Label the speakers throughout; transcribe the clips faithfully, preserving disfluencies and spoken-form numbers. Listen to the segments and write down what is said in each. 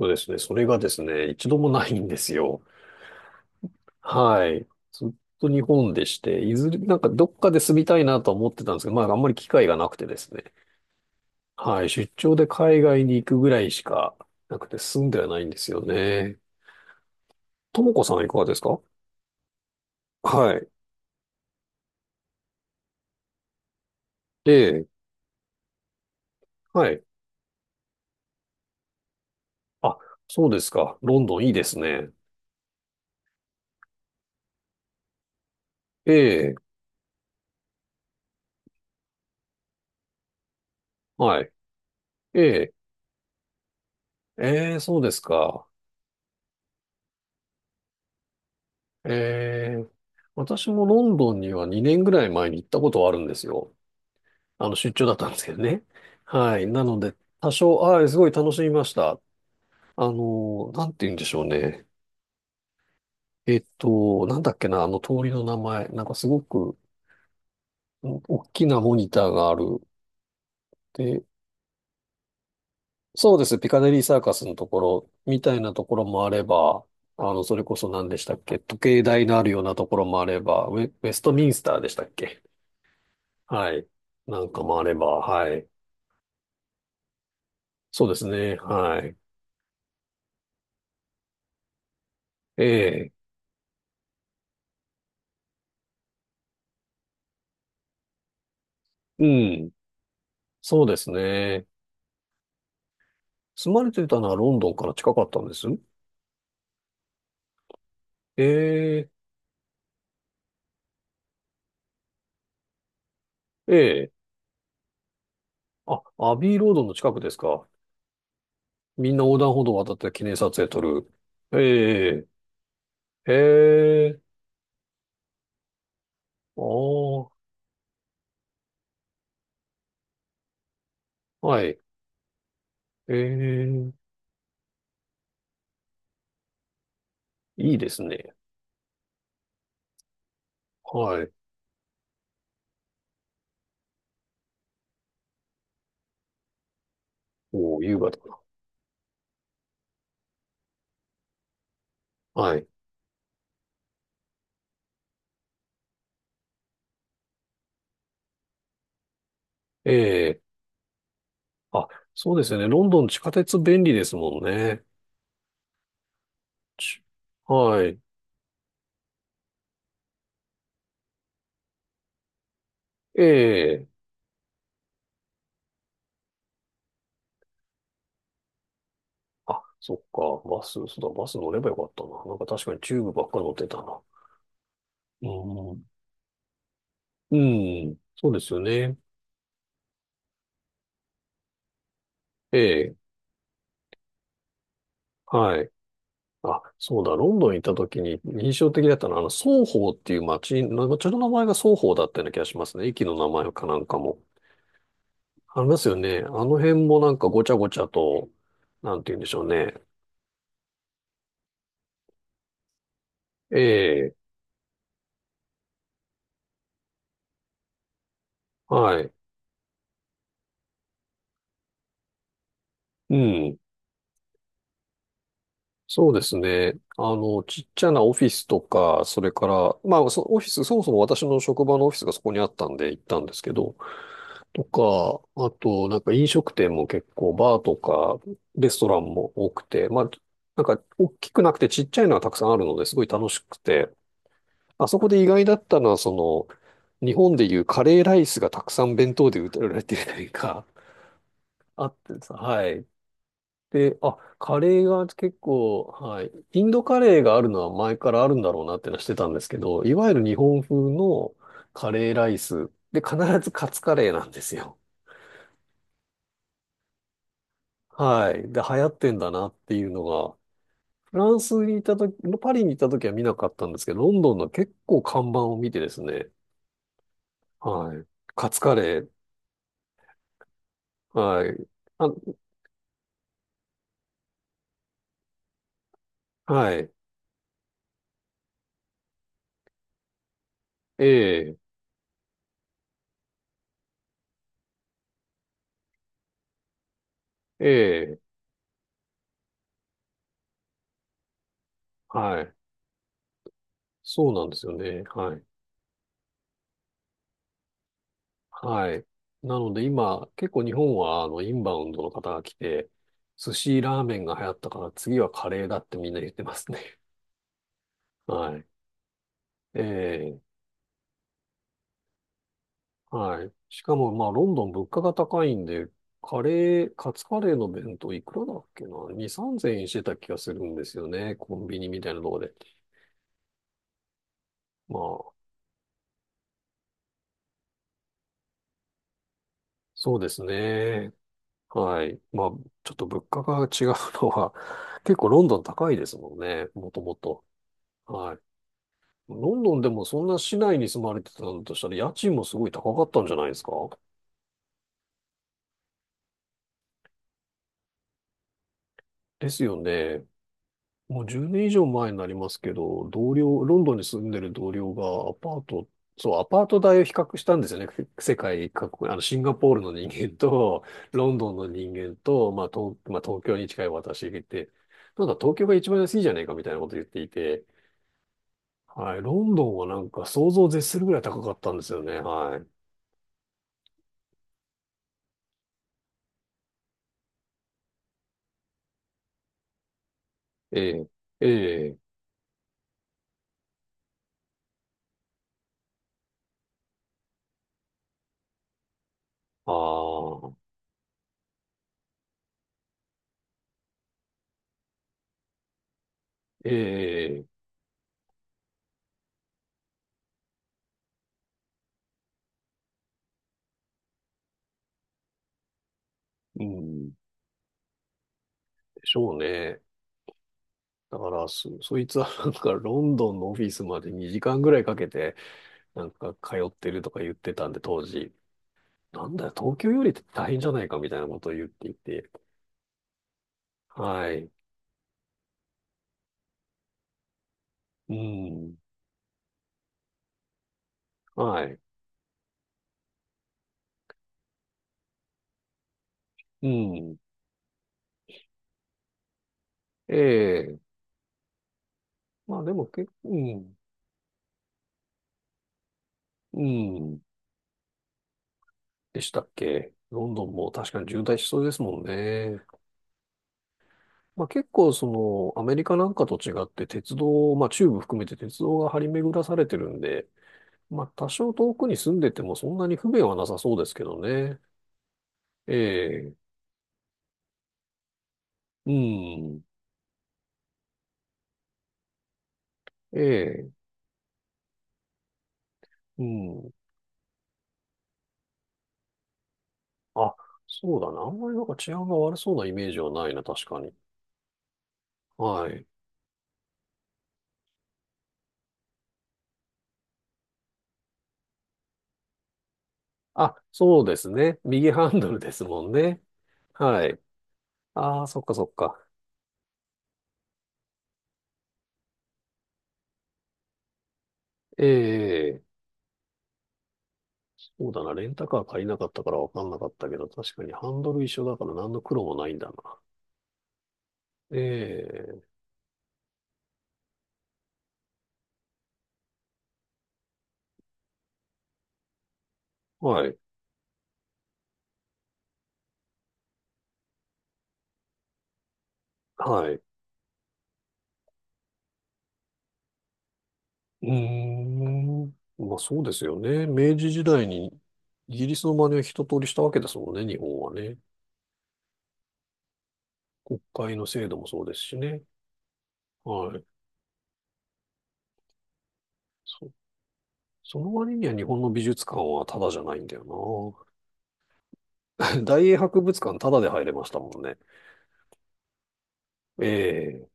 Speaker 1: そうですね。それがですね、一度もないんですよ。はい。ずっと日本でして、いずれ、なんかどっかで住みたいなとは思ってたんですけど、まああんまり機会がなくてですね。はい。出張で海外に行くぐらいしかなくて住んではないんですよね。ともこさんいかがですか？はい。ええ。はい。あ、そうですか。ロンドンいいですね。ええ。はい。ええ。ええ、そうですか。ええ。私もロンドンにはにねんぐらい前に行ったことはあるんですよ。あの、出張だったんですけどね。はい。なので、多少、はい、すごい楽しみました。あの、なんて言うんでしょうね。えっと、なんだっけな、あの通りの名前。なんかすごく、ん大きなモニターがある。で、そうです。ピカデリーサーカスのところ、みたいなところもあれば、あの、それこそ何でしたっけ、時計台のあるようなところもあれば、ウェ、ウェストミンスターでしたっけ？はい。なんかもあれば、はい。そうですね。はい。ええ。うん。そうですね。住まれてたのはロンドンから近かったんですええ、ええ。あ、アビーロードの近くですか。みんな横断歩道を渡って記念撮影撮る。ええ、ええ、ああ、はい。ええ、いいですね。はい。おー、優雅だな。はい。ええ、あ、そうですよね。ロンドン地下鉄便利ですもんね。ちはい。ええ、あ、そっか。バス、そうだ、バス乗ればよかったな。なんか確かにチューブばっかり乗ってたな。うんうん、そうですよね。ええ、はい。あ、そうだ、ロンドン行った時に印象的だったのは、あの、ソーホーっていう街、な街の名前がソーホーだったような気がしますね。駅の名前かなんかも。ありますよね。あの辺もなんかごちゃごちゃと、なんて言うんでしょうね。ええ、はい。うん。そうですね。あの、ちっちゃなオフィスとか、それから、まあ、そオフィス、そもそも私の職場のオフィスがそこにあったんで行ったんですけど、とか、あと、なんか飲食店も結構、バーとか、レストランも多くて、まあ、なんか大きくなくてちっちゃいのはたくさんあるのですごい楽しくて、あそこで意外だったのは、その、日本でいうカレーライスがたくさん弁当で売られてるというか、あってさ、はい。で、あ、カレーが結構、はい。インドカレーがあるのは前からあるんだろうなってのはしてたんですけど、いわゆる日本風のカレーライスで必ずカツカレーなんですよ。はい。で、流行ってんだなっていうのが、フランスにいたとき、パリにいたときは見なかったんですけど、ロンドンの結構看板を見てですね、はい。カツカレー、はい。あ、はい。ええ、ええ、はい。そうなんですよね。はい。はい。なので今、結構日本は、あの、インバウンドの方が来て、寿司ラーメンが流行ったから次はカレーだってみんな言ってますね。はい。ええ。はい。しかも、まあ、ロンドン物価が高いんで、カレー、カツカレーの弁当いくらだっけな？ に、さんぜんえんしてた気がするんですよね。コンビニみたいなとこで。まあ、そうですね。はい。まあ、ちょっと物価が違うのは、結構ロンドン高いですもんね。もともと。はい。ロンドンでもそんな市内に住まれてたんだとしたら、家賃もすごい高かったんじゃないですか？ですよね。もうじゅうねん以上前になりますけど、同僚、ロンドンに住んでる同僚がアパート、そう、アパート代を比較したんですよね。せ世界各国、あの、シンガポールの人間と、ロンドンの人間と、まあ、東、まあ、東京に近い私がいて、なんだ、東京が一番安いじゃないかみたいなこと言っていて、はい、ロンドンはなんか想像を絶するぐらい高かったんですよね。はい。ええ、ええ、ああ、ええ、うん、でしょうね。だから、そ、そいつは なんかロンドンのオフィスまでにじかんぐらいかけて、なんか通ってるとか言ってたんで、当時、なんだよ、東京より大変じゃないかみたいなことを言っていて、はい、うん、はい、うん、ええ、まあでも結構、うん、うん、でしたっけ。ロンドンも確かに渋滞しそうですもんね。まあ、結構そのアメリカなんかと違って鉄道、まあ中部含めて鉄道が張り巡らされてるんで、まあ、多少遠くに住んでてもそんなに不便はなさそうですけどね。ええ、うん、ええ、うん。あ、そうだな。あんまりなんか治安が悪そうなイメージはないな、確かに。はい。あ、そうですね。右ハンドルですもんね。はい。ああ、そっかそっか。ええ、そうだな。レンタカー借りなかったからわかんなかったけど、確かにハンドル一緒だから何の苦労もないんだな。ええ、はい。はい。うーん。まあそうですよね。明治時代にイギリスの真似を一通りしたわけですもんね、日本はね。国会の制度もそうですしね。はい。そ、その割には日本の美術館はタダじゃないんだよな。大英博物館タダで入れましたもんね。ええ、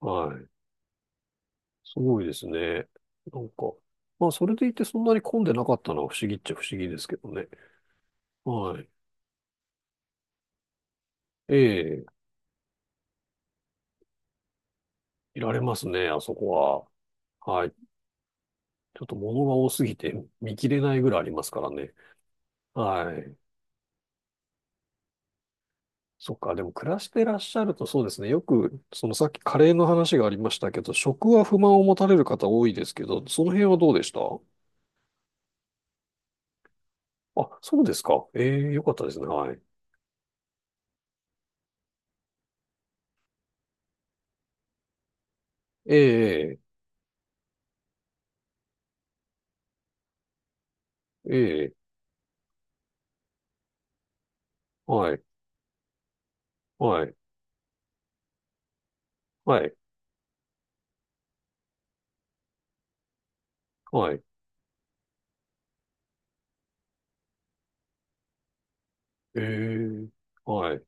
Speaker 1: はい。すごいですね。なんか、まあそれでいてそんなに混んでなかったのは不思議っちゃ不思議ですけどね。はい。ええ、いられますね、あそこは。はい。ちょっと物が多すぎて見切れないぐらいありますからね。はい。そっか、でも暮らしてらっしゃるとそうですね。よく、そのさっきカレーの話がありましたけど、食は不満を持たれる方多いですけど、その辺はどうでした？あ、そうですか。ええ、よかったですね。はい。ええ、ええ、はい、はい、はい、はい。ええ、はい、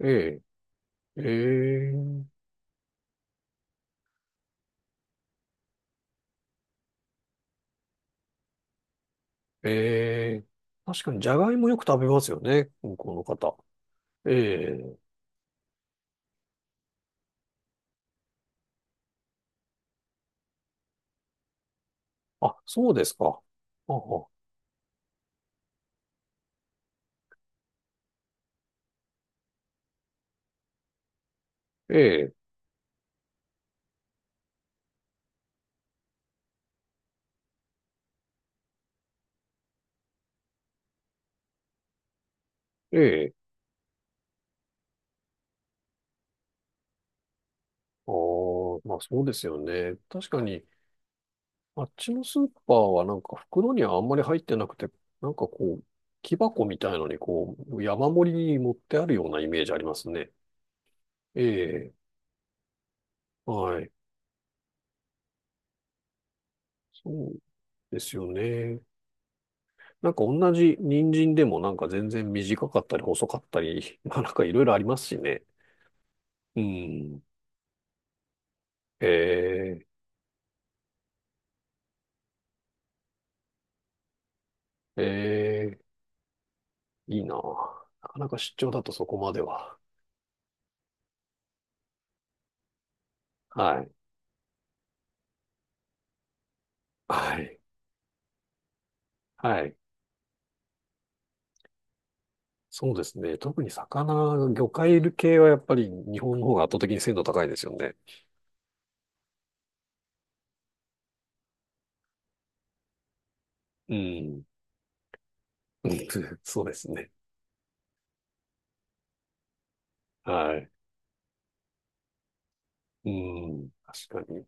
Speaker 1: ええ、ええ、ええ。確かに、じゃがいもよく食べますよね。向こうの方。ええ。あ、そうですか。あはええ、ええ。ああ、まあそうですよね。確かに、あっちのスーパーはなんか袋にはあんまり入ってなくて、なんかこう、木箱みたいのにこう、山盛りに持ってあるようなイメージありますね。ええ、はい。そうですよね。なんか同じ人参でもなんか全然短かったり細かったり、まあなんかいろいろありますしね。うん。ええ、ええ、いいな。なかなか出張だとそこまでは。はい。はい。はい。そうですね。特に魚、魚介系はやっぱり日本の方が圧倒的に鮮度高いですよね。うん。うん そうですね。はい。うん。確かに。